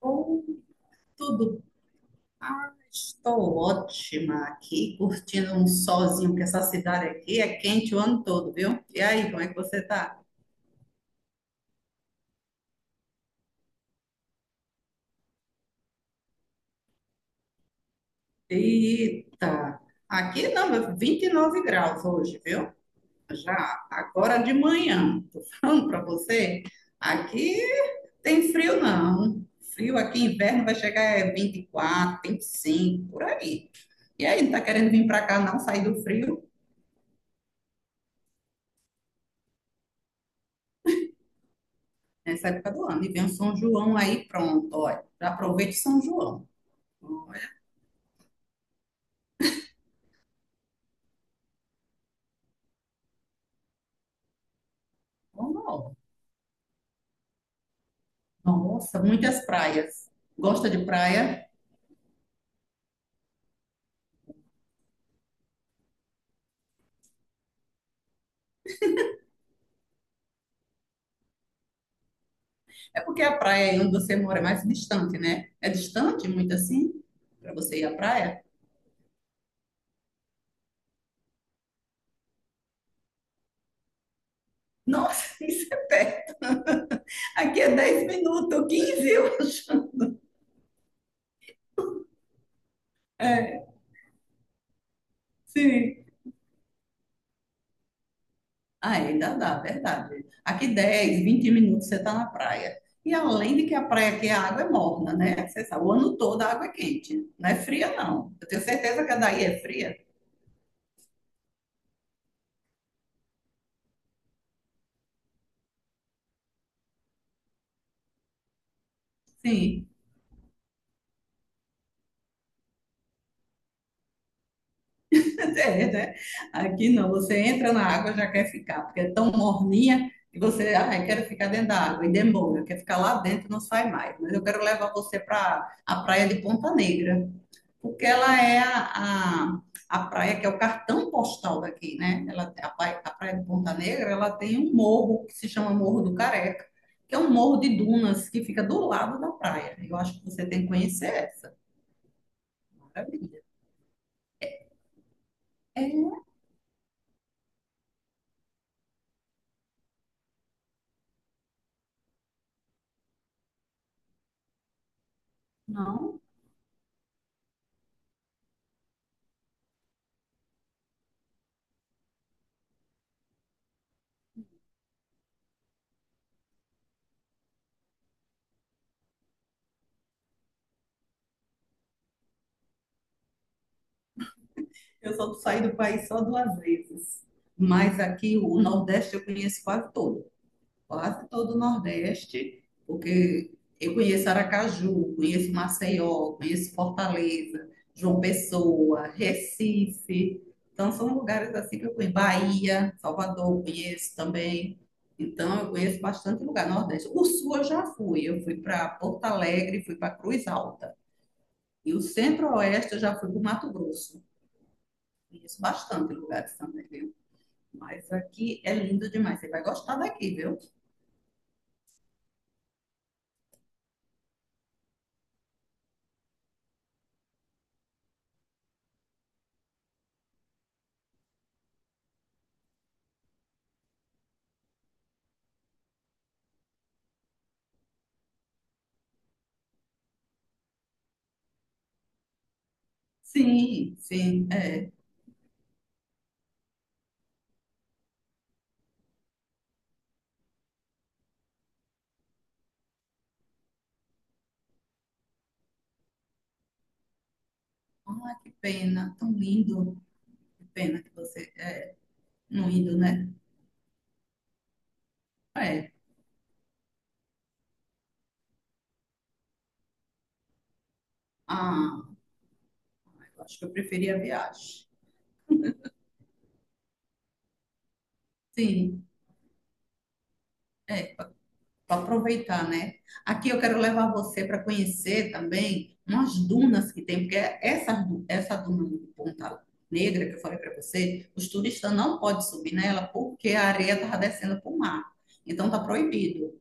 Ou tudo. Estou ótima aqui, curtindo um solzinho, que essa cidade aqui é quente o ano todo, viu? E aí, como é que você tá? Eita! Aqui não, 29 graus hoje, viu? Já, agora de manhã, tô falando pra você, aqui tem frio não. Frio aqui, inverno vai chegar é 24, 25, por aí. E aí, não tá querendo vir pra cá não, sair do frio? Nessa época do ano. E vem o São João aí, pronto, olha. Já aproveite São João. Normal. Nossa, muitas praias. Gosta de praia? É porque a praia aí onde você mora é mais distante, né? É distante, muito assim, para você ir à praia? Nossa, isso é perto. Aqui é 10 minutos, 15. É, sim. Ah, ainda dá, verdade. Aqui 10, 20 minutos você está na praia. E além de que a praia aqui a água é morna, né? Você sabe, o ano todo a água é quente. Não é fria, não. Eu tenho certeza que a daí é fria. Sim, é, né? Aqui não, você entra na água já quer ficar, porque é tão morninha que você, ah, eu quero ficar dentro da água e demora, quer ficar lá dentro, não sai mais. Mas eu quero levar você para a praia de Ponta Negra. Porque ela é a praia que é o cartão postal daqui, né? Ela, a praia de Ponta Negra, ela tem um morro que se chama Morro do Careca, que é um morro de dunas que fica do lado da praia. Eu acho que você tem que conhecer essa. Maravilha. É, não. Eu só saí do país só duas vezes, mas aqui o Nordeste eu conheço quase todo. Quase todo o Nordeste, porque eu conheço Aracaju, conheço Maceió, conheço Fortaleza, João Pessoa, Recife. Então, são lugares assim que eu conheço. Bahia, Salvador, conheço também. Então, eu conheço bastante lugar no Nordeste. O Sul eu já fui. Eu fui para Porto Alegre, fui para Cruz Alta. E o Centro-Oeste eu já fui para o Mato Grosso. Conheço bastante lugares também, viu? Mas aqui é lindo demais. Você vai gostar daqui, viu? Sim, sim, é. Ah, que pena, tão lindo. Que pena que você não indo, né? É. Ah, eu acho que eu preferia a viagem. Sim, é, para aproveitar, né? Aqui eu quero levar você para conhecer também umas dunas que tem, porque essa duna de Ponta Negra que eu falei para você, os turistas não podem subir nela porque a areia estava descendo para o mar. Então tá proibido.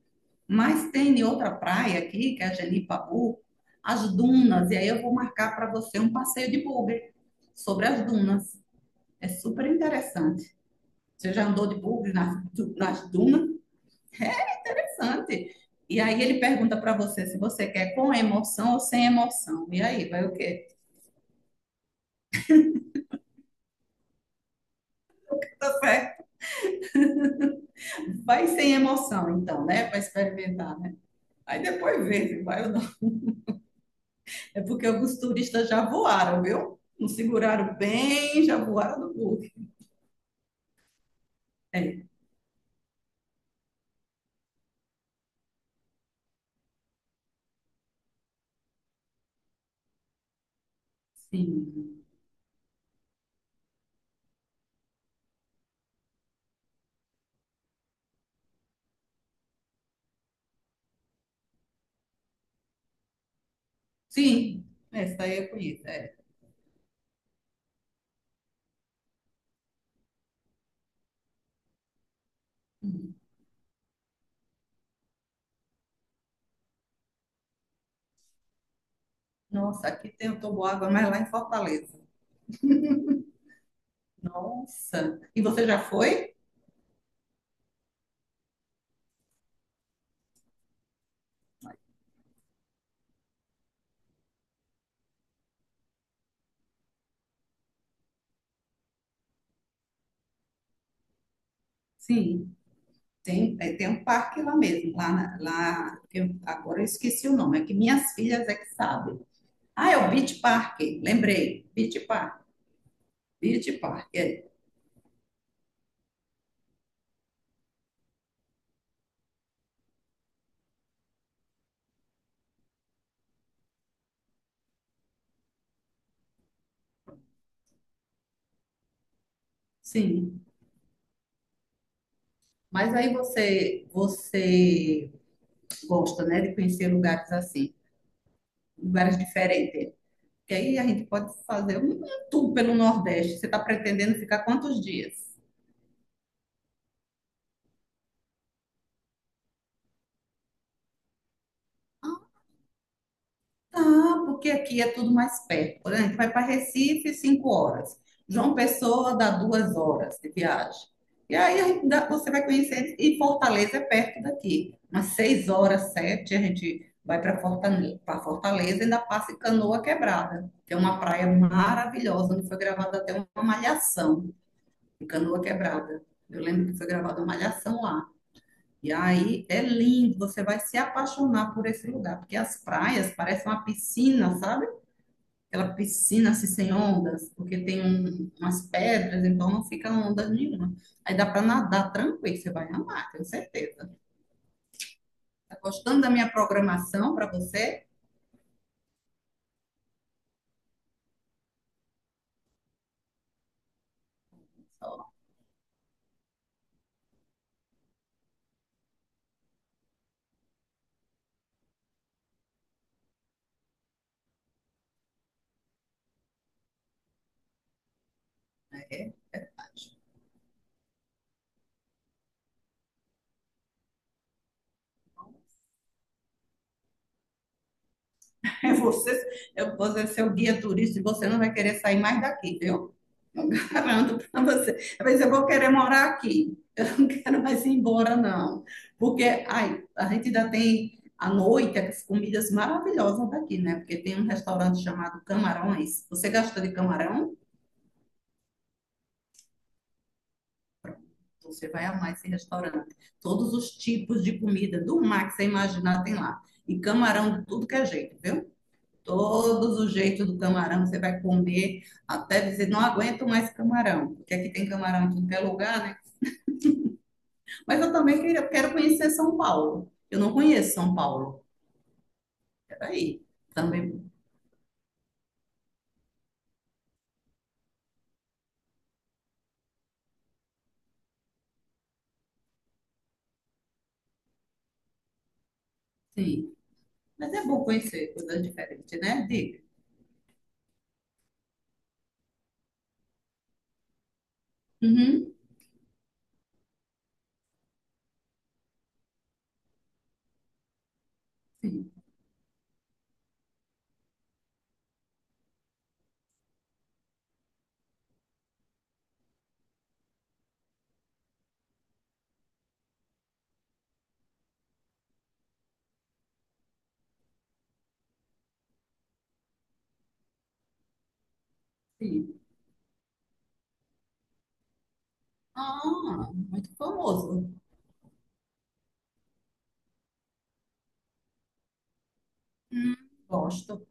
Mas tem outra praia aqui, que é a Genipabu, as dunas, e aí eu vou marcar para você um passeio de bugre sobre as dunas. É super interessante. Você já andou de bugre nas dunas? É interessante. E aí ele pergunta para você se você quer com emoção ou sem emoção. E aí, vai o quê? Tá certo. Vai sem emoção, então, né? Para experimentar, né? Aí depois vê se vai ou não. É porque alguns turistas já voaram, viu? Não seguraram bem, já voaram no bugre. É. Sim. Sim, essa aí eu conheço. É. Hum. Nossa, aqui tem o Toboágua, mas lá em Fortaleza. Nossa. E você já foi? Sim. Tem, um parque lá mesmo, lá, lá que agora eu esqueci o nome, é que minhas filhas é que sabem. Ah, é o Beach Park, lembrei. Beach Park. Beach Park, é. Sim. Mas aí você gosta, né, de conhecer lugares assim, lugares diferentes. Que aí a gente pode fazer um tour pelo Nordeste. Você está pretendendo ficar quantos dias? Tá, porque aqui é tudo mais perto. Por exemplo, vai para Recife, 5 horas. João Pessoa dá 2 horas de viagem. E aí a gente você vai conhecer. E Fortaleza é perto daqui. Umas 6 horas, 7, a gente vai para Fortaleza, e ainda passa em Canoa Quebrada, que é uma praia maravilhosa, onde foi gravada até uma malhação de Canoa Quebrada. Eu lembro que foi gravada uma malhação lá. E aí é lindo, você vai se apaixonar por esse lugar, porque as praias parecem uma piscina, sabe? Aquela piscina assim, sem ondas, porque tem umas pedras, então não fica onda nenhuma. Aí dá para nadar tranquilo, você vai amar, tenho certeza. Tá gostando da minha programação para você? Só, é, é. É você, eu vou ser seu guia turista e você não vai querer sair mais daqui, viu? Eu garanto para você. Às vezes eu vou querer morar aqui. Eu não quero mais ir embora, não. Porque ai, a gente ainda tem à noite as comidas maravilhosas daqui, né? Porque tem um restaurante chamado Camarões. Você gosta de camarão? Você vai amar esse restaurante. Todos os tipos de comida do mar que você imaginar tem lá. E camarão de tudo que é jeito, viu? Todos os jeitos do camarão, você vai comer até dizer, não aguento mais camarão, porque aqui tem camarão em tudo é lugar, né? Mas eu também quero conhecer São Paulo. Eu não conheço São Paulo. Peraí, também, sim. Mas é bom conhecer coisas diferentes, né? Diga. Uhum, sim, sim. Ah, muito famoso. Hum, Gosto.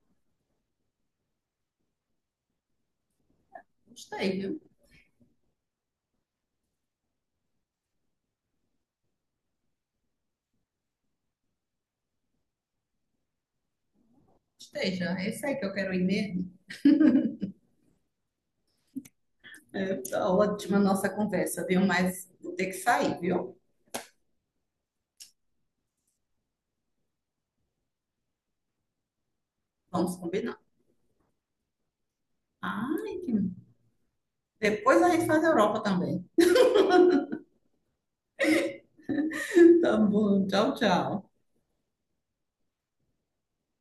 Gostei, viu? Gostei já. Esse aí que eu quero ir mesmo. É, tá ótima a nossa conversa, viu? Mas vou ter que sair, viu? Vamos combinar. Ai, que Depois a gente faz a Europa também. Tá bom, tchau, tchau.